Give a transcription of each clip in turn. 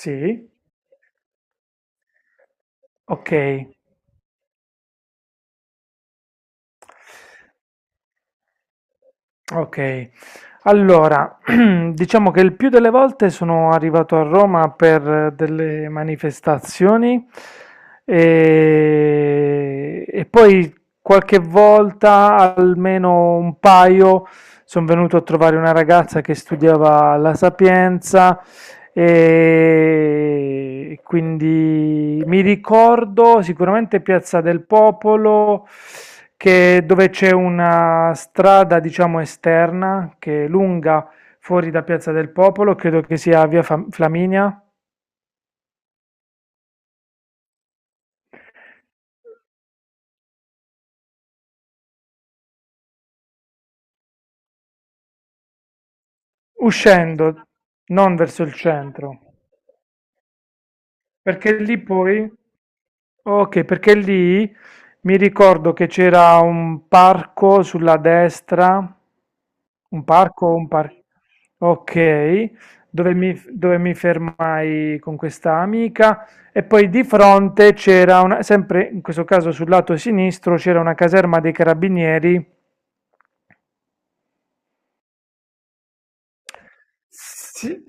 Sì, ok, ok. Allora, diciamo che il più delle volte sono arrivato a Roma per delle manifestazioni e poi qualche volta, almeno un paio, sono venuto a trovare una ragazza che studiava la Sapienza e quindi mi ricordo sicuramente Piazza del Popolo, che, dove c'è una strada, diciamo, esterna che è lunga fuori da Piazza del Popolo, credo che sia Flaminia, uscendo, non verso il centro. Perché lì poi, ok, perché lì mi ricordo che c'era un parco sulla destra, un parco, o un parco, ok, dove mi fermai con questa amica e poi di fronte sempre in questo caso sul lato sinistro, c'era una caserma dei carabinieri. Sì,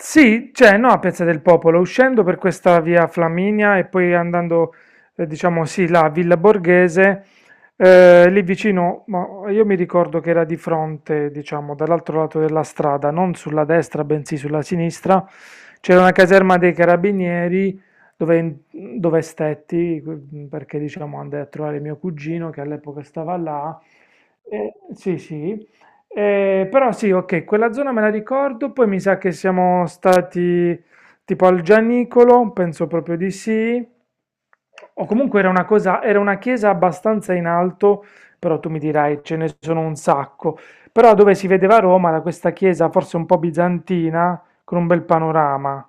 sì, cioè no a Piazza del Popolo, uscendo per questa via Flaminia e poi andando, diciamo sì, là a Villa Borghese, lì vicino, ma io mi ricordo che era di fronte, diciamo, dall'altro lato della strada, non sulla destra, bensì sulla sinistra, c'era una caserma dei carabinieri dove, dove stetti, perché diciamo andai a trovare mio cugino che all'epoca stava là. Sì, sì, però sì, ok, quella zona me la ricordo, poi mi sa che siamo stati tipo al Gianicolo, penso proprio di sì, o comunque era una cosa, era una chiesa abbastanza in alto, però tu mi dirai ce ne sono un sacco, però dove si vedeva Roma da questa chiesa forse un po' bizantina, con un bel panorama.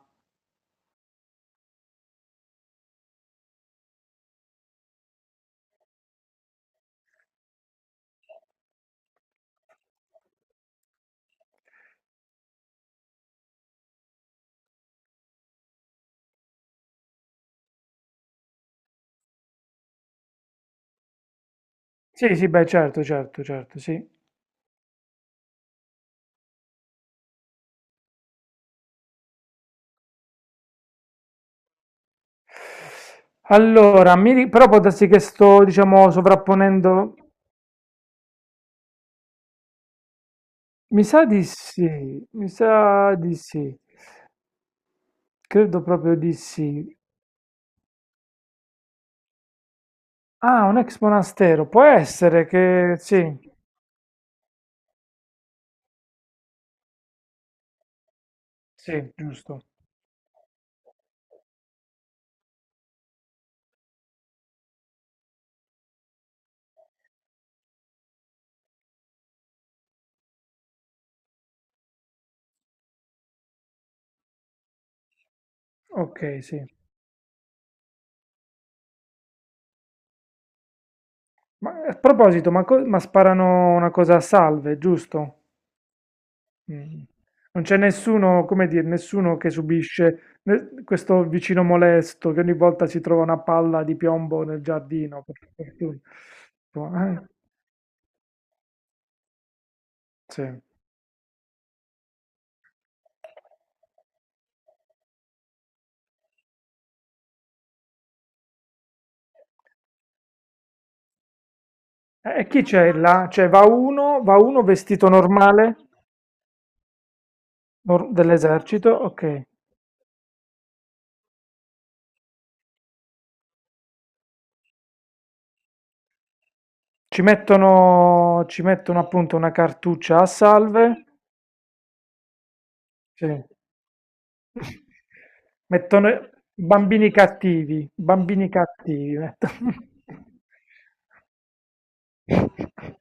Sì, sì, beh, certo, certo, certo, sì. Allora, però può darsi che sto, diciamo, sovrapponendo. Mi sa di sì, mi sa di sì, credo proprio di sì. Ah, un ex monastero, può essere che sì, sì, giusto. Ok, sì. Ma a proposito, ma sparano una cosa a salve, giusto? Mm. Non c'è nessuno, come dire, nessuno che subisce questo vicino molesto che ogni volta si trova una palla di piombo nel giardino, per fortuna. Eh, sì. E chi c'è là? Cioè, va uno vestito normale? Dell'esercito, ok. Ci mettono appunto una cartuccia a salve. Sì. Mettono bambini cattivi, bambini cattivi, mettono.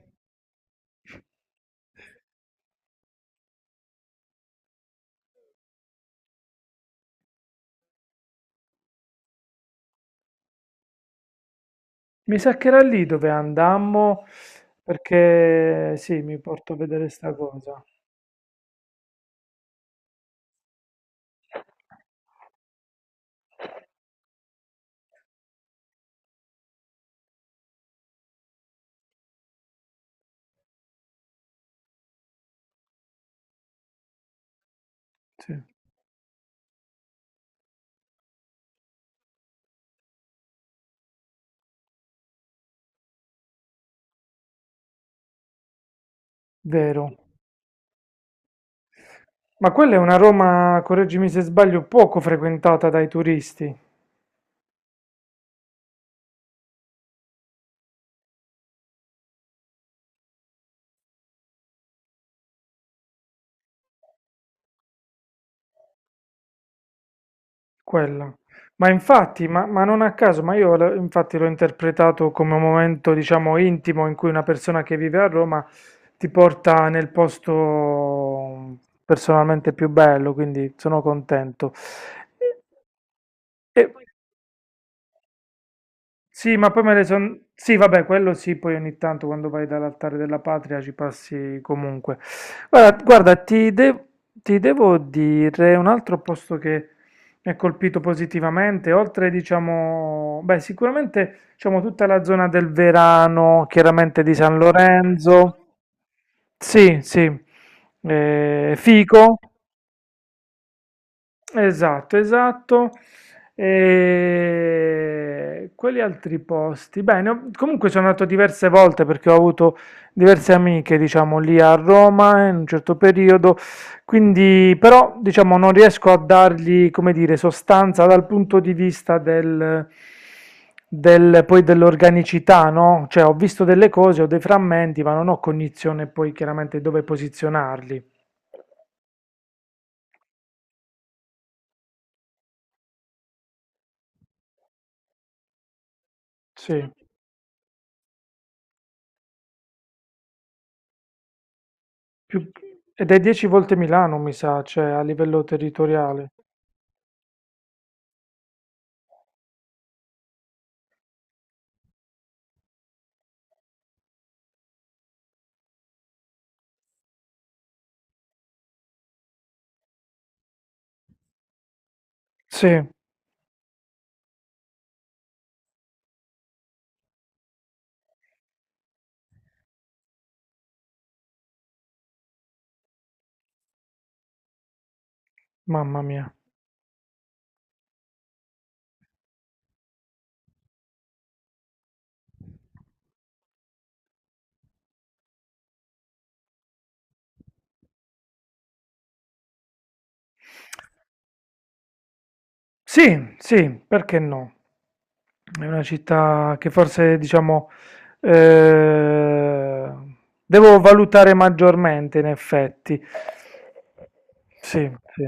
Mi sa che era lì dove andammo, perché sì, mi porto a vedere sta cosa. Sì, vero. Ma quella è una Roma, correggimi se sbaglio, poco frequentata dai turisti. Quella. Ma infatti, ma non a caso, infatti l'ho interpretato come un momento, diciamo, intimo in cui una persona che vive a Roma ti porta nel posto personalmente più bello, quindi sono contento. E, e sì, ma poi me le son... Sì, vabbè, quello sì, poi ogni tanto quando vai dall'altare della patria ci passi comunque. Guarda, guarda, ti, de- ti devo dire un altro posto che mi ha colpito positivamente, oltre, diciamo, beh, sicuramente, diciamo, tutta la zona del Verano, chiaramente di San Lorenzo. Sì, sì, eh, fico. Esatto, esatto. E quali altri posti? Beh, comunque sono andato diverse volte perché ho avuto diverse amiche, diciamo, lì a Roma in un certo periodo, quindi però, diciamo, non riesco a dargli, come dire, sostanza dal punto di vista poi dell'organicità, no? Cioè, ho visto delle cose, ho dei frammenti, ma non ho cognizione poi chiaramente dove posizionarli. Sì. Più ed è 10 volte Milano mi sa, cioè a livello territoriale. Sì, mamma mia. Sì, sì, perché no? È una città che forse, diciamo, eh, devo valutare maggiormente, in effetti. Sì, sì.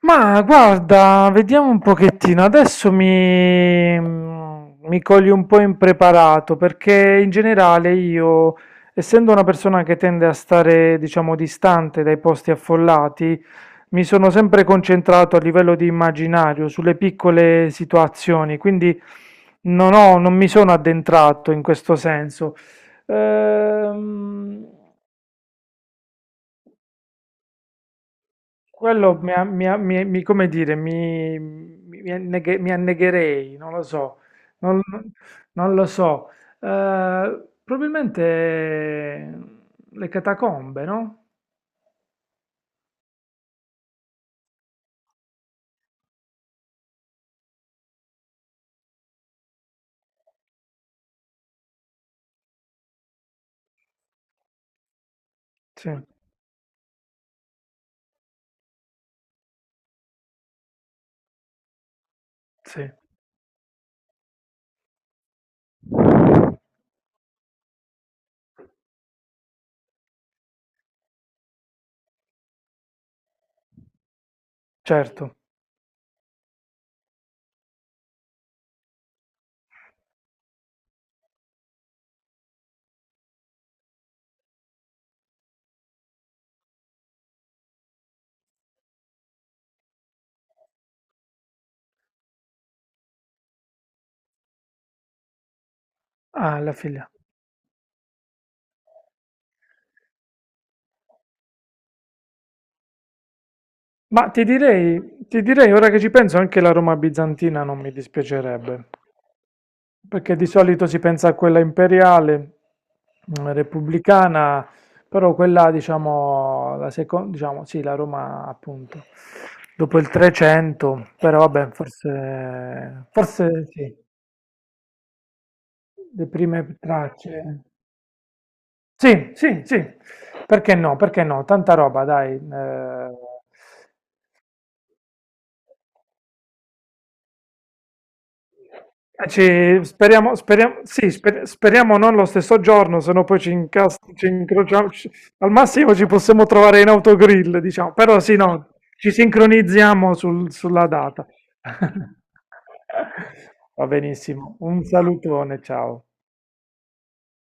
Ma guarda, vediamo un pochettino. Adesso mi cogli un po' impreparato perché in generale io, essendo una persona che tende a stare, diciamo, distante dai posti affollati, mi sono sempre concentrato a livello di immaginario sulle piccole situazioni, quindi non mi sono addentrato in questo senso. Ehm, Quello mi, a- mi a- mi- mi- come dire, mi mi annegherei, non lo so, non, non lo so. Probabilmente le catacombe, no? Sì, sì, certo. Ah, la figlia. Ma ti direi, ora che ci penso, anche la Roma bizantina non mi dispiacerebbe. Perché di solito si pensa a quella imperiale, mm, repubblicana, però quella, diciamo, la seconda, diciamo, sì, la Roma appunto, dopo il 300, però vabbè, forse, forse sì, le prime tracce. Sì, sì, sì, perché no, tanta roba, dai. Eh, eh, ci, speriamo, speriamo, sì, speriamo non lo stesso giorno, se no poi ci incrociamo. Al massimo ci possiamo trovare in autogrill, diciamo, però sì, no, ci sincronizziamo sulla data. Va benissimo, un salutone, ciao.